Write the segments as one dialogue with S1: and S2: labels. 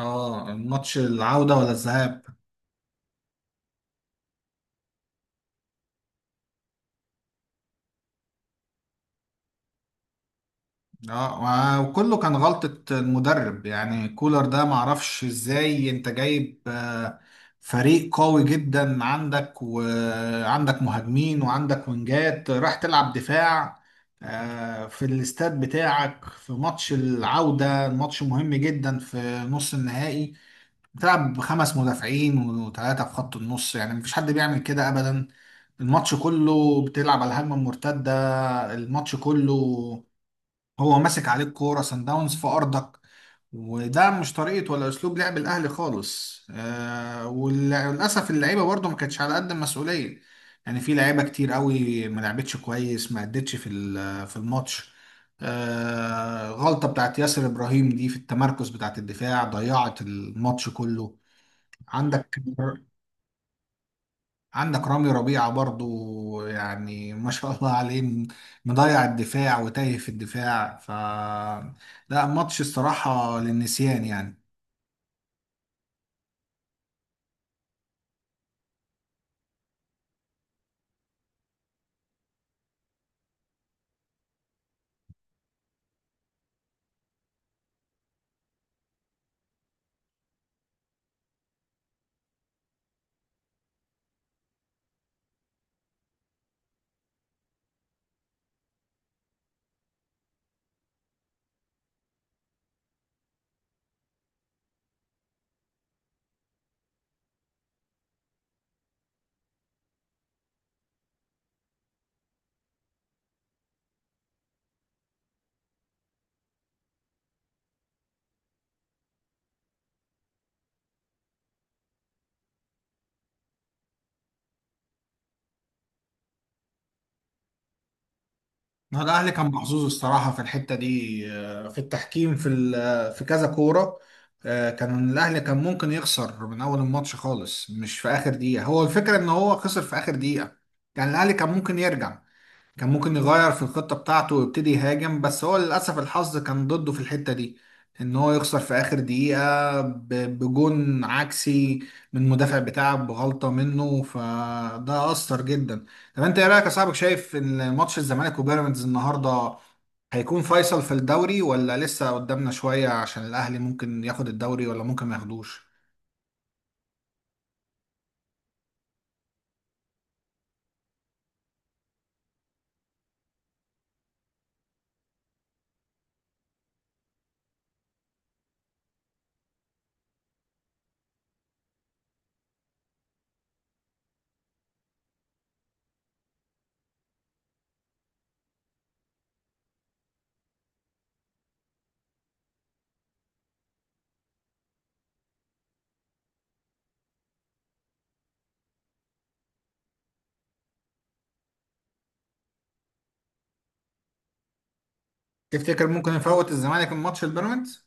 S1: اه، ماتش العودة ولا الذهاب؟ اه، وكله كان غلطة المدرب، يعني كولر ده معرفش ازاي انت جايب فريق قوي جدا عندك، وعندك مهاجمين، وعندك وينجات، راح تلعب دفاع في الاستاد بتاعك في ماتش العودة، ماتش مهم جدا في نص النهائي. بتلعب بخمس مدافعين و3 في خط النص، يعني مفيش حد بيعمل كده أبدا. الماتش كله بتلعب على الهجمة المرتدة، الماتش كله. هو ماسك عليك كورة سان داونز في أرضك، وده مش طريقة ولا أسلوب لعب الأهلي خالص. وللأسف اللعيبة برضو ما كانتش على قد المسؤولية. يعني في لعيبة كتير قوي ما لعبتش كويس، ما أدتش في الماتش. غلطة بتاعت ياسر إبراهيم دي في التمركز بتاعت الدفاع ضيعت الماتش كله عندك. عندك رامي ربيعة برضو، يعني ما شاء الله عليه، مضيع الدفاع وتايه في الدفاع. ف لا، ماتش الصراحة للنسيان يعني. ما هو الأهلي كان محظوظ الصراحة في الحتة دي، في التحكيم، في كذا كورة. كان الأهلي كان ممكن يخسر من أول الماتش خالص، مش في آخر دقيقة. هو الفكرة إن هو خسر في آخر دقيقة. يعني الأهلي كان ممكن يرجع، كان ممكن يغير في الخطة بتاعته ويبتدي يهاجم، بس هو للأسف الحظ كان ضده في الحتة دي، إن هو يخسر في آخر دقيقة بجون عكسي من المدافع بتاعه بغلطة منه، فده أثر جدا. طب أنت إيه رأيك يا صاحبك؟ شايف إن ماتش الزمالك وبيراميدز النهاردة هيكون فيصل في الدوري، ولا لسه قدامنا شوية عشان الأهلي ممكن ياخد الدوري ولا ممكن ما ياخدوش؟ تفتكر ممكن يفوت الزمالك الماتش البيراميدز؟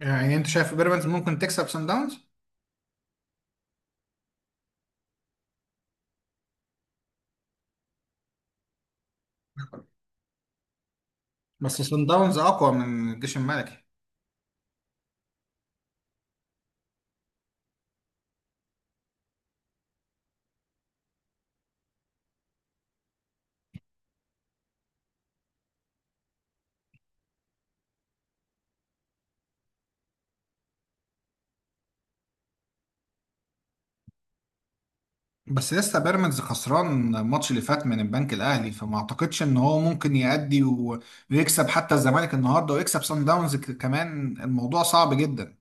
S1: يعني أنت شايف بيراميدز ممكن تكسب سان داونز؟ بس صن داونز اقوى من الجيش الملكي. بس لسه بيراميدز خسران الماتش اللي فات من البنك الاهلي، فما اعتقدش ان هو ممكن يأدي ويكسب حتى الزمالك النهارده، ويكسب صن داونز كمان. الموضوع صعب جدا.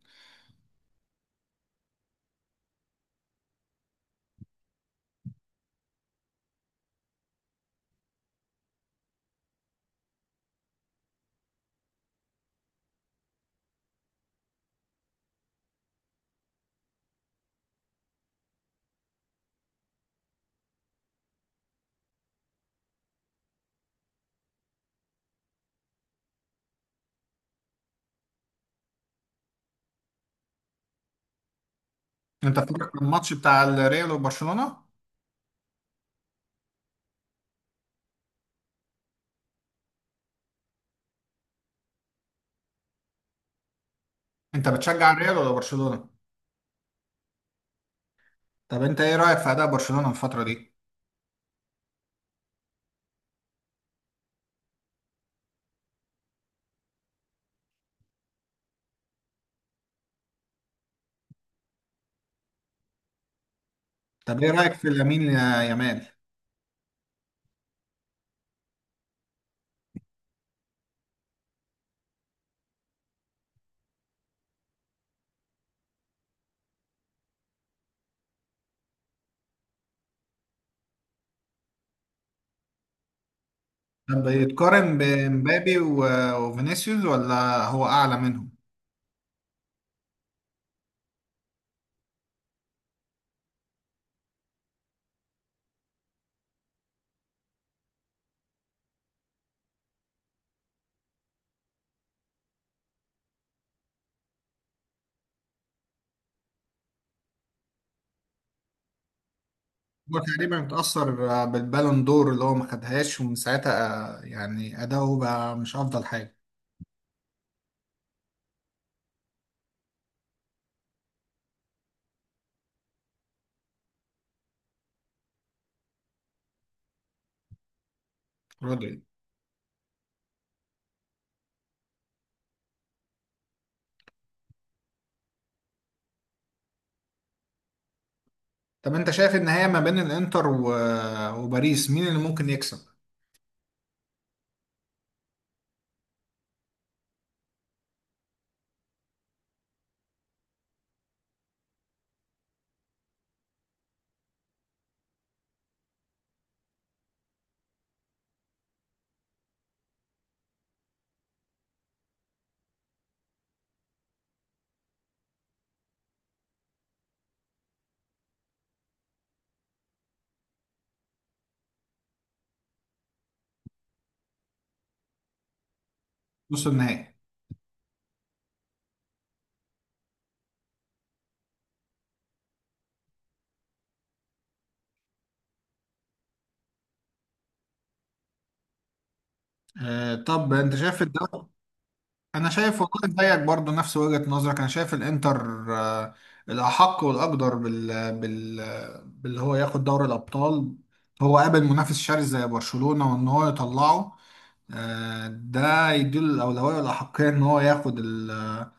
S1: انت فاكر الماتش بتاع الريال وبرشلونة؟ انت بتشجع الريال ولا برشلونة؟ طب انت ايه رأيك في اداء برشلونة الفترة دي؟ طب ايه رأيك في لامين يامال؟ طب يتقارن بمبابي وفينيسيوس ولا هو اعلى منهم؟ هو تقريبا اتأثر بالبالون دور اللي هو ما خدهاش، ومن ساعتها يعني أداؤه بقى مش أفضل حاجة. رودري. طب أنت شايف النهاية ما بين الإنتر وباريس، مين اللي ممكن يكسب؟ نص النهائي؟ طب أنت شايف الدوري؟ أنا شايف والله زيك برضه، نفس وجهة نظرك. أنا شايف الإنتر الأحق والأقدر بال باللي هو ياخد دوري الأبطال. هو قابل منافس شرس زي برشلونة وإن هو يطلعه، ده يديله الأولوية والأحقية إن هو ياخد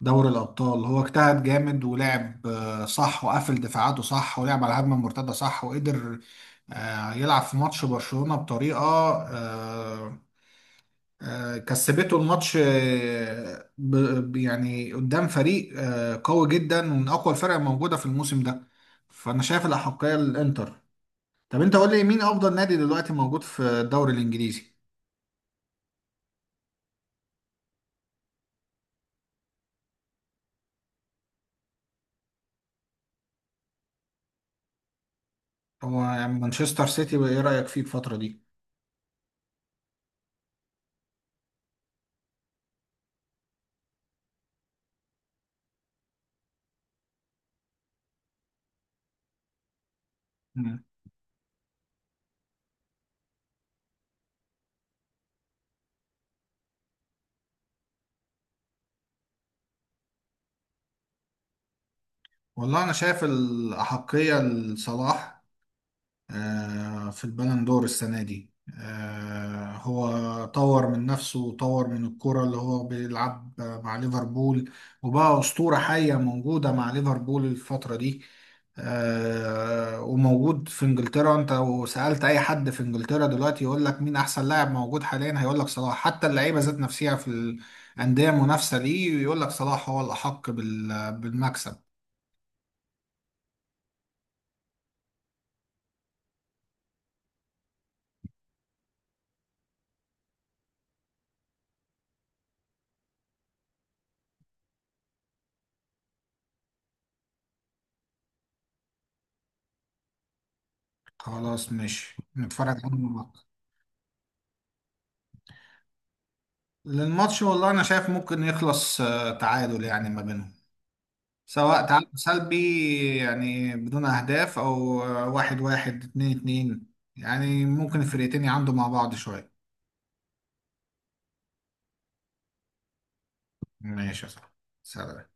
S1: دوري الأبطال. هو اجتهد جامد ولعب صح، وقفل دفاعاته صح، ولعب على الهجمة المرتدة صح، وقدر يلعب في ماتش برشلونة بطريقة، كسبته الماتش، يعني قدام فريق قوي جدا، ومن أقوى الفرق الموجودة في الموسم ده. فأنا شايف الأحقية للإنتر. طب أنت قول لي مين أفضل نادي دلوقتي موجود في الدوري الإنجليزي؟ هو يعني مانشستر سيتي، ايه رأيك فيه الفترة دي؟ مم. والله انا شايف الأحقية لصلاح في البالون دور السنة دي. هو طور من نفسه وطور من الكرة اللي هو بيلعب مع ليفربول، وبقى أسطورة حية موجودة مع ليفربول الفترة دي. وموجود في انجلترا. انت لو سألت اي حد في انجلترا دلوقتي يقول لك مين احسن لاعب موجود حاليا، هيقول لك صلاح. حتى اللعيبة ذات نفسها في الأندية المنافسة دي يقول لك صلاح هو الأحق بالمكسب. خلاص ماشي، نتفرج عنه. للماتش، والله انا شايف ممكن يخلص تعادل يعني ما بينهم، سواء تعادل سلبي يعني بدون اهداف، او 1-1، 2-2. يعني ممكن الفرقتين يعندوا مع بعض شوية. ماشي يا صاحبي، سلام.